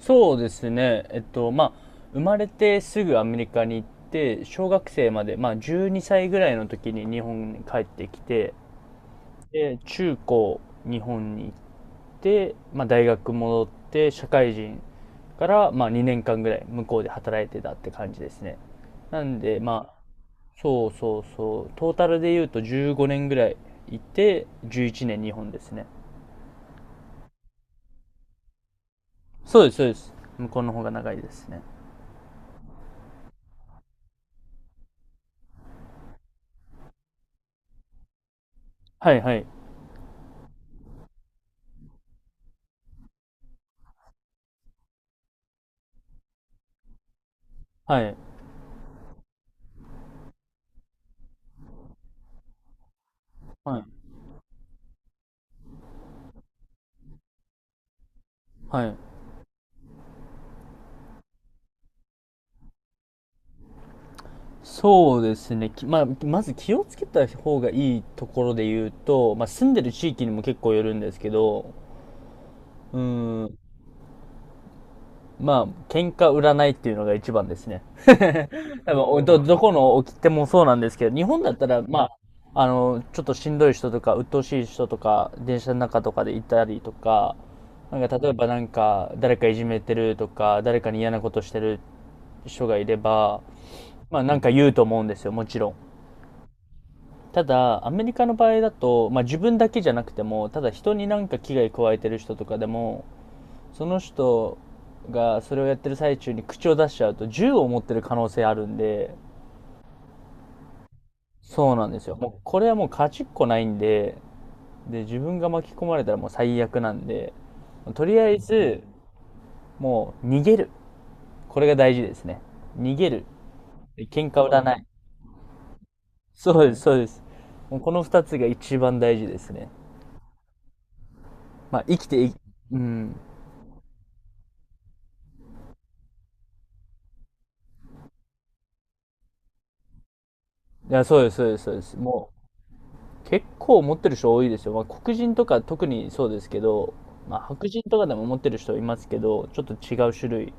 そうですね。まあ、生まれてすぐアメリカに行って、小学生まで、まあ、12歳ぐらいの時に日本に帰ってきて、で、中高、日本に行って、まあ、大学戻って、社会人から、まあ、2年間ぐらい向こうで働いてたって感じですね。なんで、まあ、そうそうそう、トータルで言うと15年ぐらいいて、11年日本ですね。そうです、そうです。向こうの方が長いですね。はいはい。はい。はい。はい。そうですね、きまあ、まず気をつけた方がいいところで言うと、まあ、住んでる地域にも結構よるんですけど、うーん、まあ、喧嘩売らないっていうのが一番ですね。多分どこの起きてもそうなんですけど、日本だったら、まあ、ちょっとしんどい人とか、鬱陶しい人とか、電車の中とかでいたりとか、なんか例えばなんか、誰かいじめてるとか、誰かに嫌なことしてる人がいれば、まあなんか言うと思うんですよ、もちろん。ただ、アメリカの場合だと、まあ、自分だけじゃなくても、ただ人になんか危害加えてる人とかでも、その人がそれをやってる最中に口を出しちゃうと、銃を持ってる可能性あるんで、そうなんですよ。もうこれはもう勝ちっこないんで、で、自分が巻き込まれたらもう最悪なんで、とりあえず、もう逃げる。これが大事ですね。逃げる。喧嘩売らない。そうです、そうです。もうこの二つが一番大事ですね。まあ、生きてい、うん。いや、そうです、そうです、そうです。もう、結構持ってる人多いですよ。まあ、黒人とか特にそうですけど、まあ、白人とかでも持ってる人いますけど、ちょっと違う種類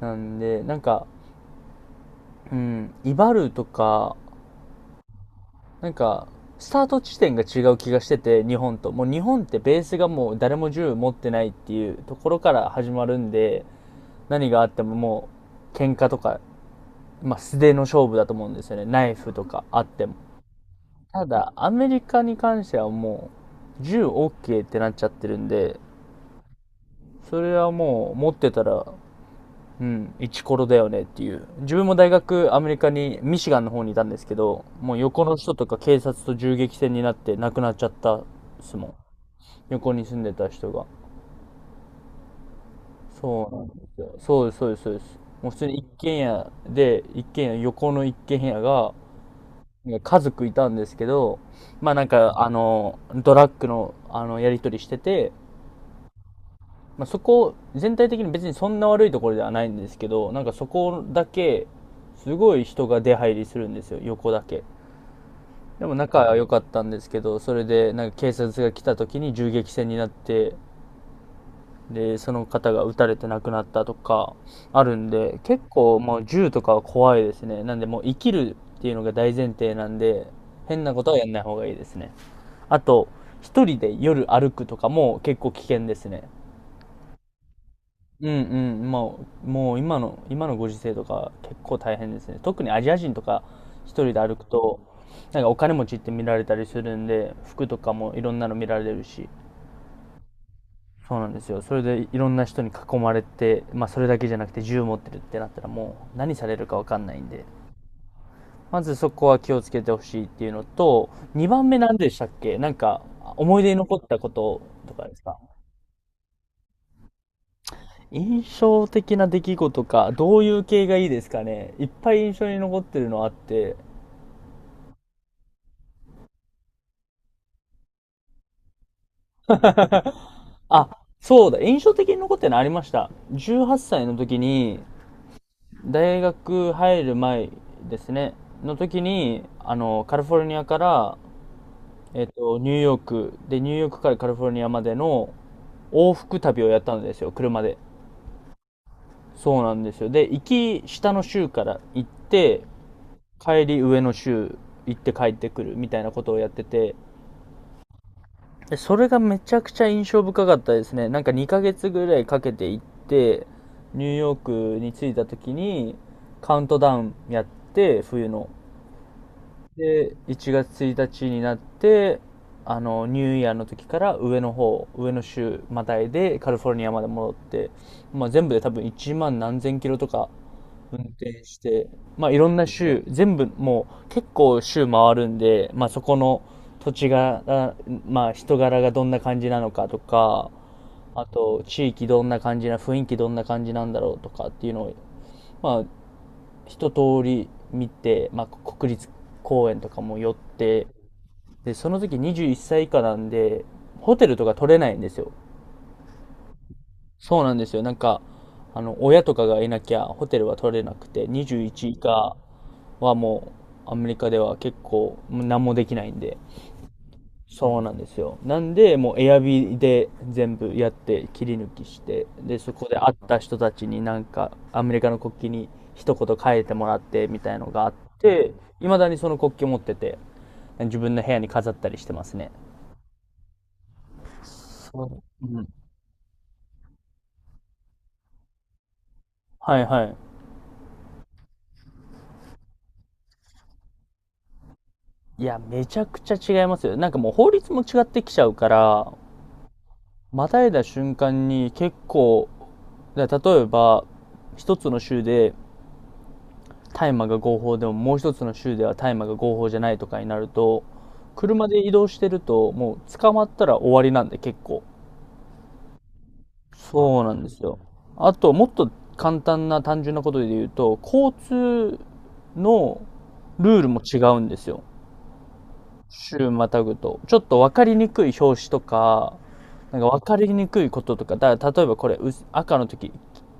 なんで、なんか、うん、威張るとか、なんか、スタート地点が違う気がしてて、日本と。もう日本ってベースがもう誰も銃持ってないっていうところから始まるんで、何があってももう、喧嘩とか、まあ、素手の勝負だと思うんですよね。ナイフとかあっても。ただ、アメリカに関してはもう、銃 OK ってなっちゃってるんで、それはもう持ってたら、うん、一コロだよねっていう。自分も大学、アメリカに、ミシガンの方にいたんですけど、もう横の人とか警察と銃撃戦になって亡くなっちゃったっすもん。横に住んでた人が。そうなんですよ。そうです、そうです、そうです。もう普通に一軒家で、一軒家、横の一軒家が、なんか家族いたんですけど、まあなんか、ドラッグの、やり取りしてて、まあ、そこ、全体的に別にそんな悪いところではないんですけど、なんかそこだけ、すごい人が出入りするんですよ、横だけ。でも仲は良かったんですけど、それでなんか警察が来た時に銃撃戦になって、で、その方が撃たれて亡くなったとかあるんで、結構もう銃とかは怖いですね。なんでもう生きるっていうのが大前提なんで、変なことはやんない方がいいですね。あと、一人で夜歩くとかも結構危険ですね。うんうん、まあ、もう今のご時世とか結構大変ですね。特にアジア人とか一人で歩くと、なんかお金持ちって見られたりするんで、服とかもいろんなの見られるし、そうなんですよ。それでいろんな人に囲まれて、まあそれだけじゃなくて銃持ってるってなったらもう何されるかわかんないんで、まずそこは気をつけてほしいっていうのと、2番目何でしたっけ？なんか、思い出に残ったこととかですか？印象的な出来事か、どういう系がいいですかね。いっぱい印象に残ってるのあって。あ、そうだ、印象的に残ってるのありました。18歳の時に、大学入る前ですね、の時に、カリフォルニアから、ニューヨーク、で、ニューヨークからカリフォルニアまでの往復旅をやったんですよ、車で。そうなんですよ。で、行き下の州から行って、帰り上の州行って帰ってくるみたいなことをやってて、でそれがめちゃくちゃ印象深かったですね。なんか2ヶ月ぐらいかけて行ってニューヨークに着いた時にカウントダウンやって冬ので1月1日になってニューイヤーの時から上の州またいでカリフォルニアまで戻って、まあ、全部で多分1万何千キロとか運転して、まあ、いろんな州、全部もう結構州回るんで、まあ、そこの土地が、まあ、人柄がどんな感じなのかとか、あと地域どんな感じな、雰囲気どんな感じなんだろうとかっていうのを、まあ、一通り見て、まあ、国立公園とかも寄って、で、その時21歳以下なんで、ホテルとか取れないんですよ。そうなんですよ。なんか、親とかがいなきゃホテルは取れなくて、21以下、はもうアメリカでは結構何もできないんで。そうなんですよ。なんで、もうエアビーで全部やって切り抜きして、で、そこで会った人たちになんかアメリカの国旗に一言書いてもらってみたいのがあって、いまだにその国旗持ってて、自分の部屋に飾ったりしてますね。そう。うん。はいはい。いや、めちゃくちゃ違いますよ。なんかもう法律も違ってきちゃうから、またいだ瞬間に結構、例えば、一つの州で大麻が合法でも、もう一つの州では大麻が合法じゃないとかになると、車で移動してると、もう捕まったら終わりなんで結構。そうなんですよ。あと、もっと簡単な単純なことで言うと、交通のルールも違うんですよ。週またぐと、ちょっと分かりにくい表紙とか、なんか分かりにくいこととか、だから例えばこれ、赤の時、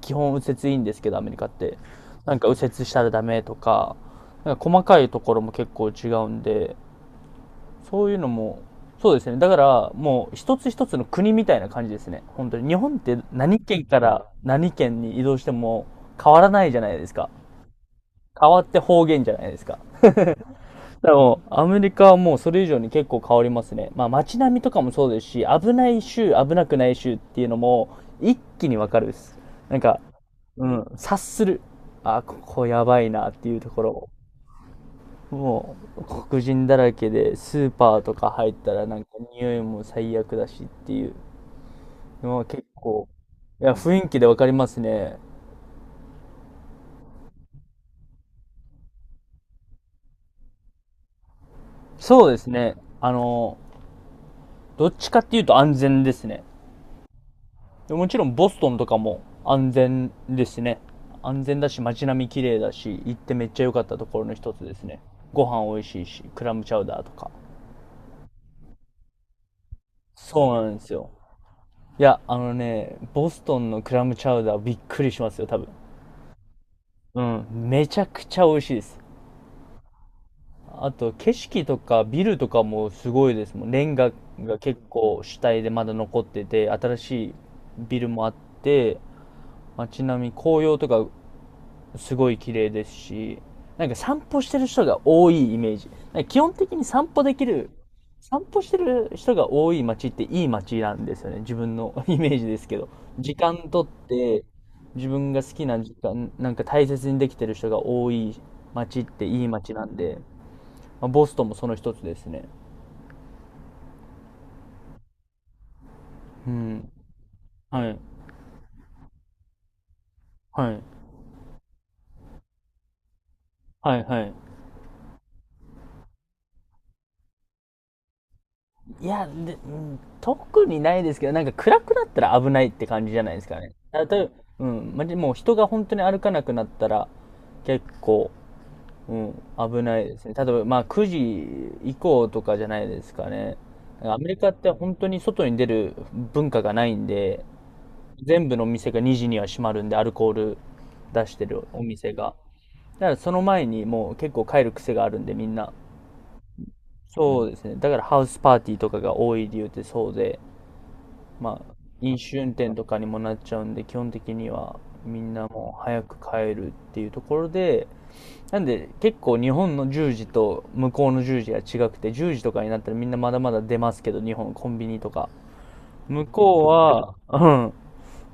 基本右折いいんですけど、アメリカって。なんか右折したらダメとか、なんか細かいところも結構違うんで、そういうのも、そうですね。だからもう一つ一つの国みたいな感じですね。本当に。日本って何県から何県に移動しても変わらないじゃないですか。変わって方言じゃないですか。でも、アメリカはもうそれ以上に結構変わりますね。まあ街並みとかもそうですし、危ない州、危なくない州っていうのも一気にわかるです。なんか、うん、察する。あ、ここやばいなっていうところ。もう黒人だらけで、スーパーとか入ったらなんか匂いも最悪だしっていうのは結構、いや、雰囲気でわかりますね。そうですね。どっちかっていうと安全ですね。もちろんボストンとかも安全ですね。安全だし、街並み綺麗だし、行ってめっちゃ良かったところの一つですね。ご飯美味しいし、クラムチャウダーとか。そうなんですよ。いや、あのね、ボストンのクラムチャウダーびっくりしますよ、多分。うん、めちゃくちゃ美味しいです。あと、景色とかビルとかもすごいですもん。レンガが結構主体でまだ残ってて、新しいビルもあって、街並み、紅葉とかすごい綺麗ですし、なんか散歩してる人が多いイメージ。なんか基本的に散歩できる、散歩してる人が多い街っていい街なんですよね。自分の イメージですけど。時間とって、自分が好きな時間、なんか大切にできてる人が多い街っていい街なんで、まあ、ボストンもその一つですね。うん。はい。はい。はい、はい。いや、で、うん、特にないですけど、なんか暗くなったら危ないって感じじゃないですかね。あ例えば、うん、まじもう人が本当に歩かなくなったら結構、うん、危ないですね。例えば、まあ9時以降とかじゃないですかね。アメリカって本当に外に出る文化がないんで、全部のお店が2時には閉まるんで、アルコール出してるお店が。だからその前にもう結構帰る癖があるんで、みんな。そうですね。だからハウスパーティーとかが多い理由ってそうで、まあ、飲酒運転とかにもなっちゃうんで、基本的にはみんなもう早く帰るっていうところで、なんで結構日本の十0時と向こうの十0時が違くて、十0時とかになったらみんなまだまだ出ますけど、日本コンビニとか。向こうは、うん。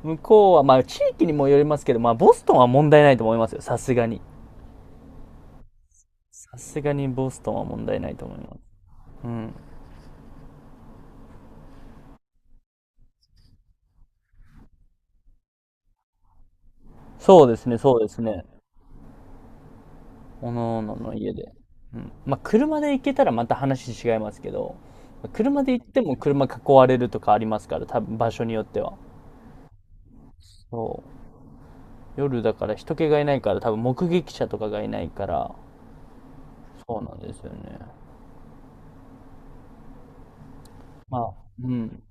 向こうは、まあ地域にもよりますけど、まあボストンは問題ないと思いますよ、さすがに。さすがにボストンは問題ないと思います。うん。そうですね、そうですね。おのおのの家で。うん。まあ、車で行けたらまた話違いますけど、車で行っても車囲われるとかありますから、多分場所によっては。そう。夜だから人気がいないから、多分目撃者とかがいないから、そうなんですよね。まあ、うん。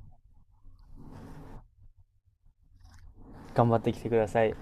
頑張ってきてください。